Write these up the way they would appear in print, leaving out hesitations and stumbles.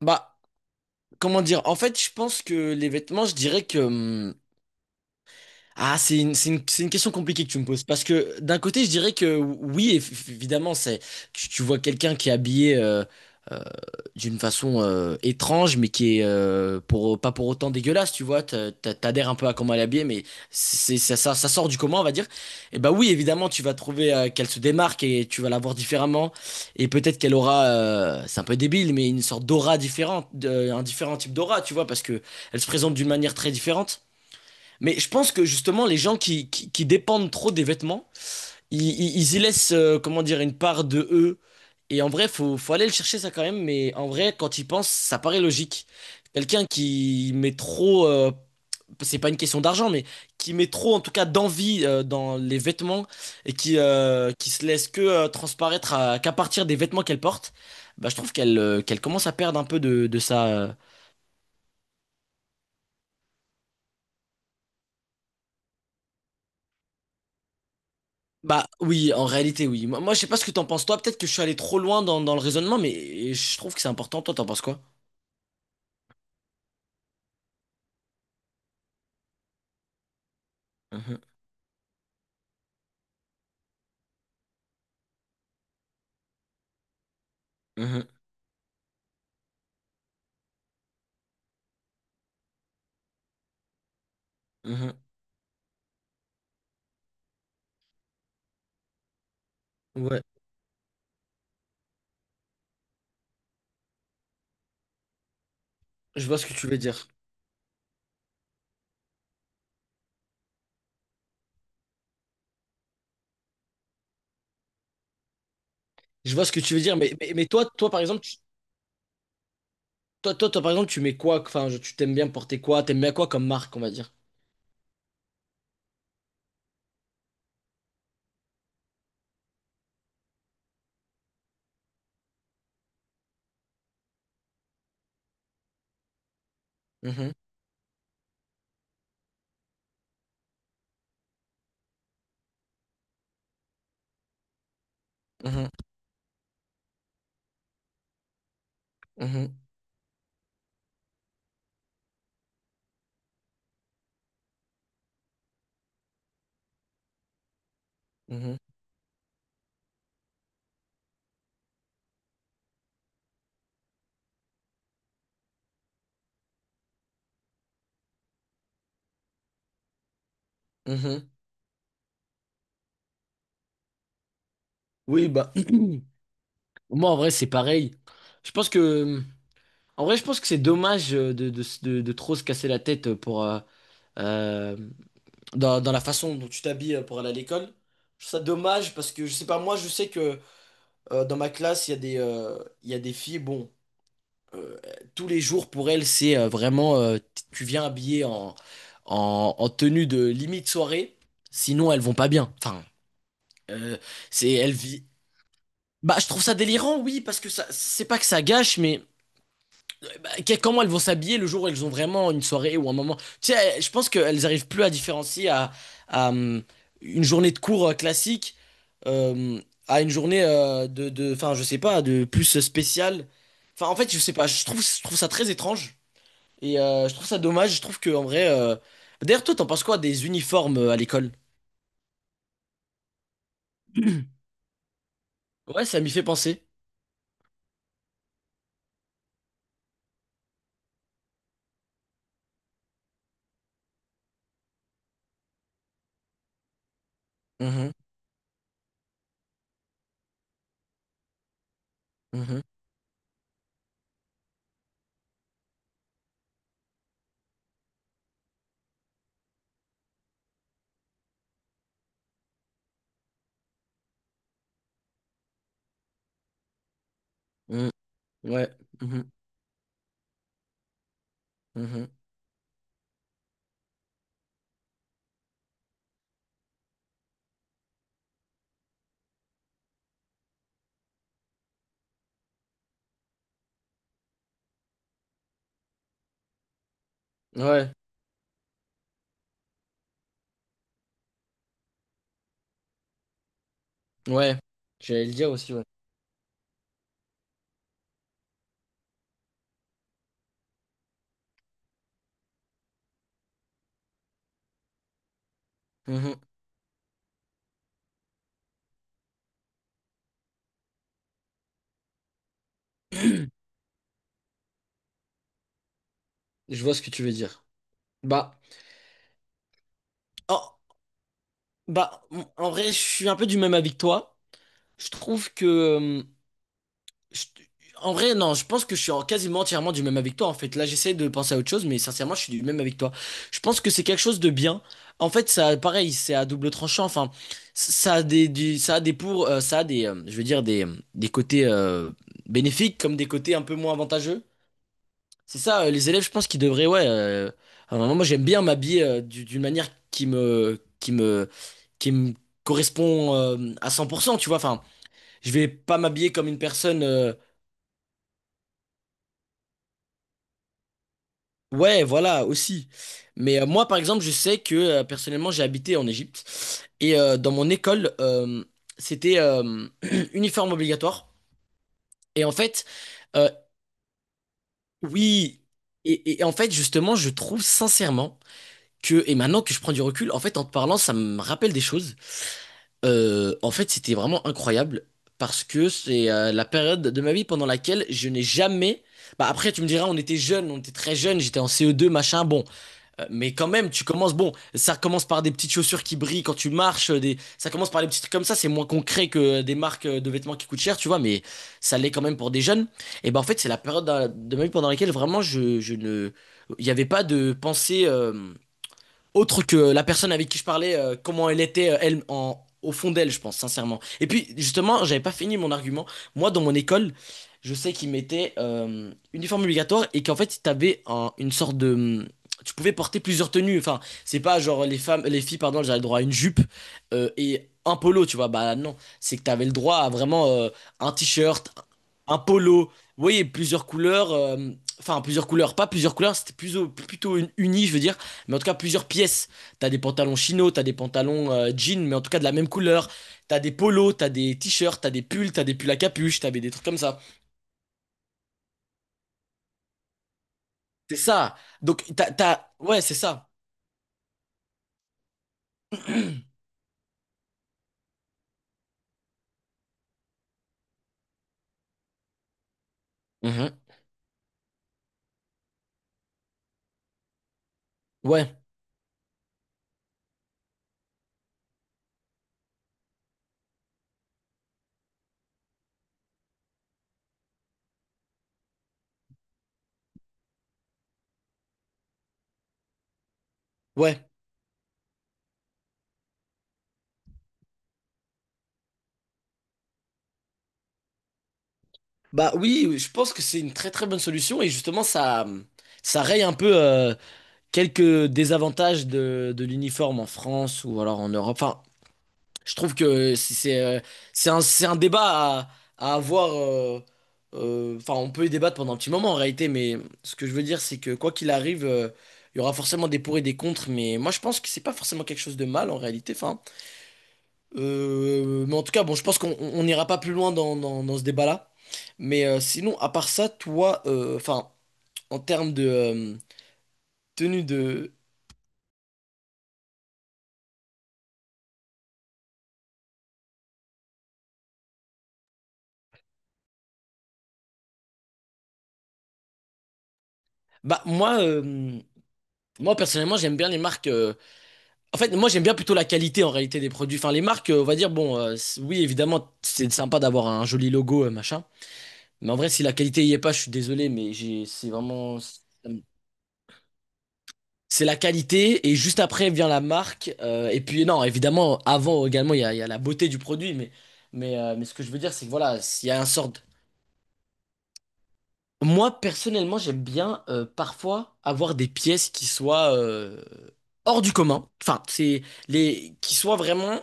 Bah, comment dire? En fait, je pense que les vêtements, je dirais que, c'est une question compliquée que tu me poses. Parce que d'un côté, je dirais que oui, évidemment, c'est, tu vois quelqu'un qui est habillé euh, d'une façon étrange, mais qui est pas pour autant dégueulasse, tu vois. T'adhères un peu à comment elle est habillée, mais ça sort du commun, on va dire. Et bah oui, évidemment, tu vas trouver qu'elle se démarque et tu vas la voir différemment. Et peut-être qu'elle aura, c'est un peu débile, mais une sorte d'aura différente, un différent type d'aura, tu vois, parce que elle se présente d'une manière très différente. Mais je pense que justement, les gens qui dépendent trop des vêtements, ils y laissent, comment dire, une part de eux. Et en vrai, faut aller le chercher ça quand même. Mais en vrai, quand ils pensent, ça paraît logique. Quelqu'un qui met trop, c'est pas une question d'argent, mais qui met trop en tout cas d'envie dans les vêtements et qui se laisse que transparaître qu'à partir des vêtements qu'elle porte, bah, je trouve qu'elle qu'elle commence à perdre un peu de sa, Bah oui, en réalité oui. Moi, je sais pas ce que t'en penses toi, peut-être que je suis allé trop loin dans le raisonnement, mais je trouve que c'est important. Toi, t'en penses quoi? Mhm, mhm, mhm. Ouais, je vois ce que tu veux dire. Je vois ce que tu veux dire, mais toi, par exemple, toi, par exemple, tu mets quoi? Enfin, tu t'aimes bien porter quoi? T'aimes bien quoi comme marque, on va dire? Mhm, mhm, mhm, mhm, mhm. Oui, bah moi en vrai c'est pareil. Je pense que en vrai je pense que c'est dommage de trop se casser la tête pour euh, dans la façon dont tu t'habilles pour aller à l'école. Je trouve ça dommage parce que je sais pas, moi je sais que dans ma classe, il y a des, il y a des filles, bon, euh, tous les jours pour elles, c'est vraiment, tu viens habillé en, en tenue de limite soirée, sinon elles vont pas bien. Enfin, euh, c'est, elles vi- Bah, je trouve ça délirant, oui, parce que ça, c'est pas que ça gâche, mais. Comment elles vont s'habiller le jour où elles ont vraiment une soirée ou un moment. Tu sais, je pense qu'elles arrivent plus à différencier à, hum, une journée de cours classique euh, à une journée de, enfin, je sais pas, de plus spéciale. Enfin, en fait, je sais pas, je trouve ça très étrange et je trouve ça dommage. Je trouve que en vrai, d'ailleurs, toi, t'en penses quoi des uniformes à l'école? Ouais, ça m'y fait penser. Mhm, mhm, mhm. Ouais, mhm, mhm. Ouais, ouais. J'allais le dire aussi, ouais. Mhm. Je vois ce que tu veux dire. Bah, en, Bah, en vrai, je suis un peu du même avec toi. Je trouve que, je- en vrai, non, je pense que je suis quasiment entièrement du même avec toi. En fait, là, j'essaie de penser à autre chose, mais sincèrement, je suis du même avec toi. Je pense que c'est quelque chose de bien. En fait, ça, pareil, c'est à double tranchant. Enfin, ça a des pour, ça a des, je veux dire des côtés bénéfiques comme des côtés un peu moins avantageux. C'est ça, les élèves, je pense qu'ils devraient, ouais. À un moment, moi, j'aime bien m'habiller d'une manière qui me correspond à 100%, tu vois. Enfin, je vais pas m'habiller comme une personne. Ouais, voilà, aussi. Mais moi, par exemple, je sais que personnellement, j'ai habité en Égypte et dans mon école, c'était uniforme obligatoire. Et en fait, euh, oui. Et en fait, justement, je trouve sincèrement que, et maintenant que je prends du recul, en fait, en te parlant, ça me rappelle des choses. En fait, c'était vraiment incroyable parce que c'est la période de ma vie pendant laquelle je n'ai jamais. Bah après, tu me diras, on était jeunes, on était très jeunes, j'étais en CE2, machin, bon. Mais quand même, tu commences, bon, ça commence par des petites chaussures qui brillent quand tu marches, ça commence par des petits trucs comme ça, c'est moins concret que des marques de vêtements qui coûtent cher, tu vois, mais ça l'est quand même pour des jeunes. Et ben en fait, c'est la période de ma vie pendant laquelle vraiment je ne. Il n'y avait pas de pensée. Autre que la personne avec qui je parlais, comment elle était, elle, au fond d'elle, je pense, sincèrement. Et puis, justement, j'avais pas fini mon argument. Moi, dans mon école, je sais qu'ils mettaient uniforme obligatoire et qu'en fait, une sorte de. Tu pouvais porter plusieurs tenues. Enfin, c'est pas genre les femmes, les filles, pardon, j'avais le droit à une jupe et un polo, tu vois. Bah non, c'est que t'avais le droit à vraiment un t-shirt, un polo. Vous voyez, plusieurs couleurs. Enfin, plusieurs couleurs, pas plusieurs couleurs, c'était plutôt uni, je veux dire. Mais en tout cas, plusieurs pièces. T'as des pantalons chino, t'as des pantalons jeans, mais en tout cas de la même couleur. T'as des polos, t'as des t-shirts, t'as des pulls à capuche, t'avais des trucs comme ça. C'est ça. Ouais, c'est ça. Mhm. Ouais, ouais. Bah oui, oui, je pense que c'est une très très bonne solution et justement, ça raye un peu quelques désavantages de l'uniforme en France ou alors en Europe. Enfin, je trouve que c'est un débat à avoir. Enfin, on peut y débattre pendant un petit moment en réalité, mais ce que je veux dire, c'est que quoi qu'il arrive, il y aura forcément des pour et des contre. Mais moi, je pense que c'est pas forcément quelque chose de mal en réalité. Enfin, mais en tout cas, bon, je pense on n'ira pas plus loin dans ce débat-là. Mais sinon, à part ça, toi, enfin, en termes de tenue de. Bah, moi, moi personnellement, j'aime bien les marques. En fait, moi, j'aime bien plutôt la qualité en réalité des produits. Enfin, les marques, on va dire, bon, oui, évidemment, c'est sympa d'avoir un joli logo, machin. Mais en vrai, si la qualité y est pas, je suis désolé, mais j'ai, c'est vraiment. C'est la qualité, et juste après vient la marque. Et puis, non, évidemment, avant également, il y a la beauté du produit. Mais ce que je veux dire, c'est que voilà, il y a un sort de- Moi, personnellement, j'aime bien parfois avoir des pièces qui soient hors du commun. Enfin, c'est les qui soient vraiment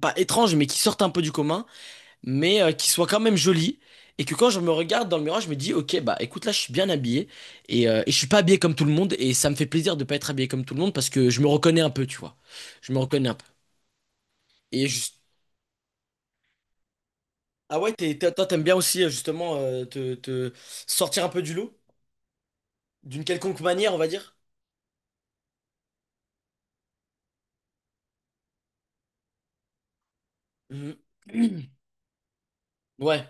pas étranges, mais qui sortent un peu du commun. Mais qui soit quand même jolie. Et que quand je me regarde dans le miroir, je me dis, ok, bah écoute, là, je suis bien habillé. Et je suis pas habillé comme tout le monde. Et ça me fait plaisir de pas être habillé comme tout le monde parce que je me reconnais un peu, tu vois. Je me reconnais un peu. Et juste... Toi, t'aimes bien aussi, justement, te sortir un peu du lot, d'une quelconque manière, on va dire. Mhm. Ouais,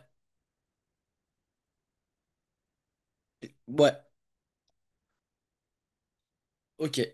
ouais, ok.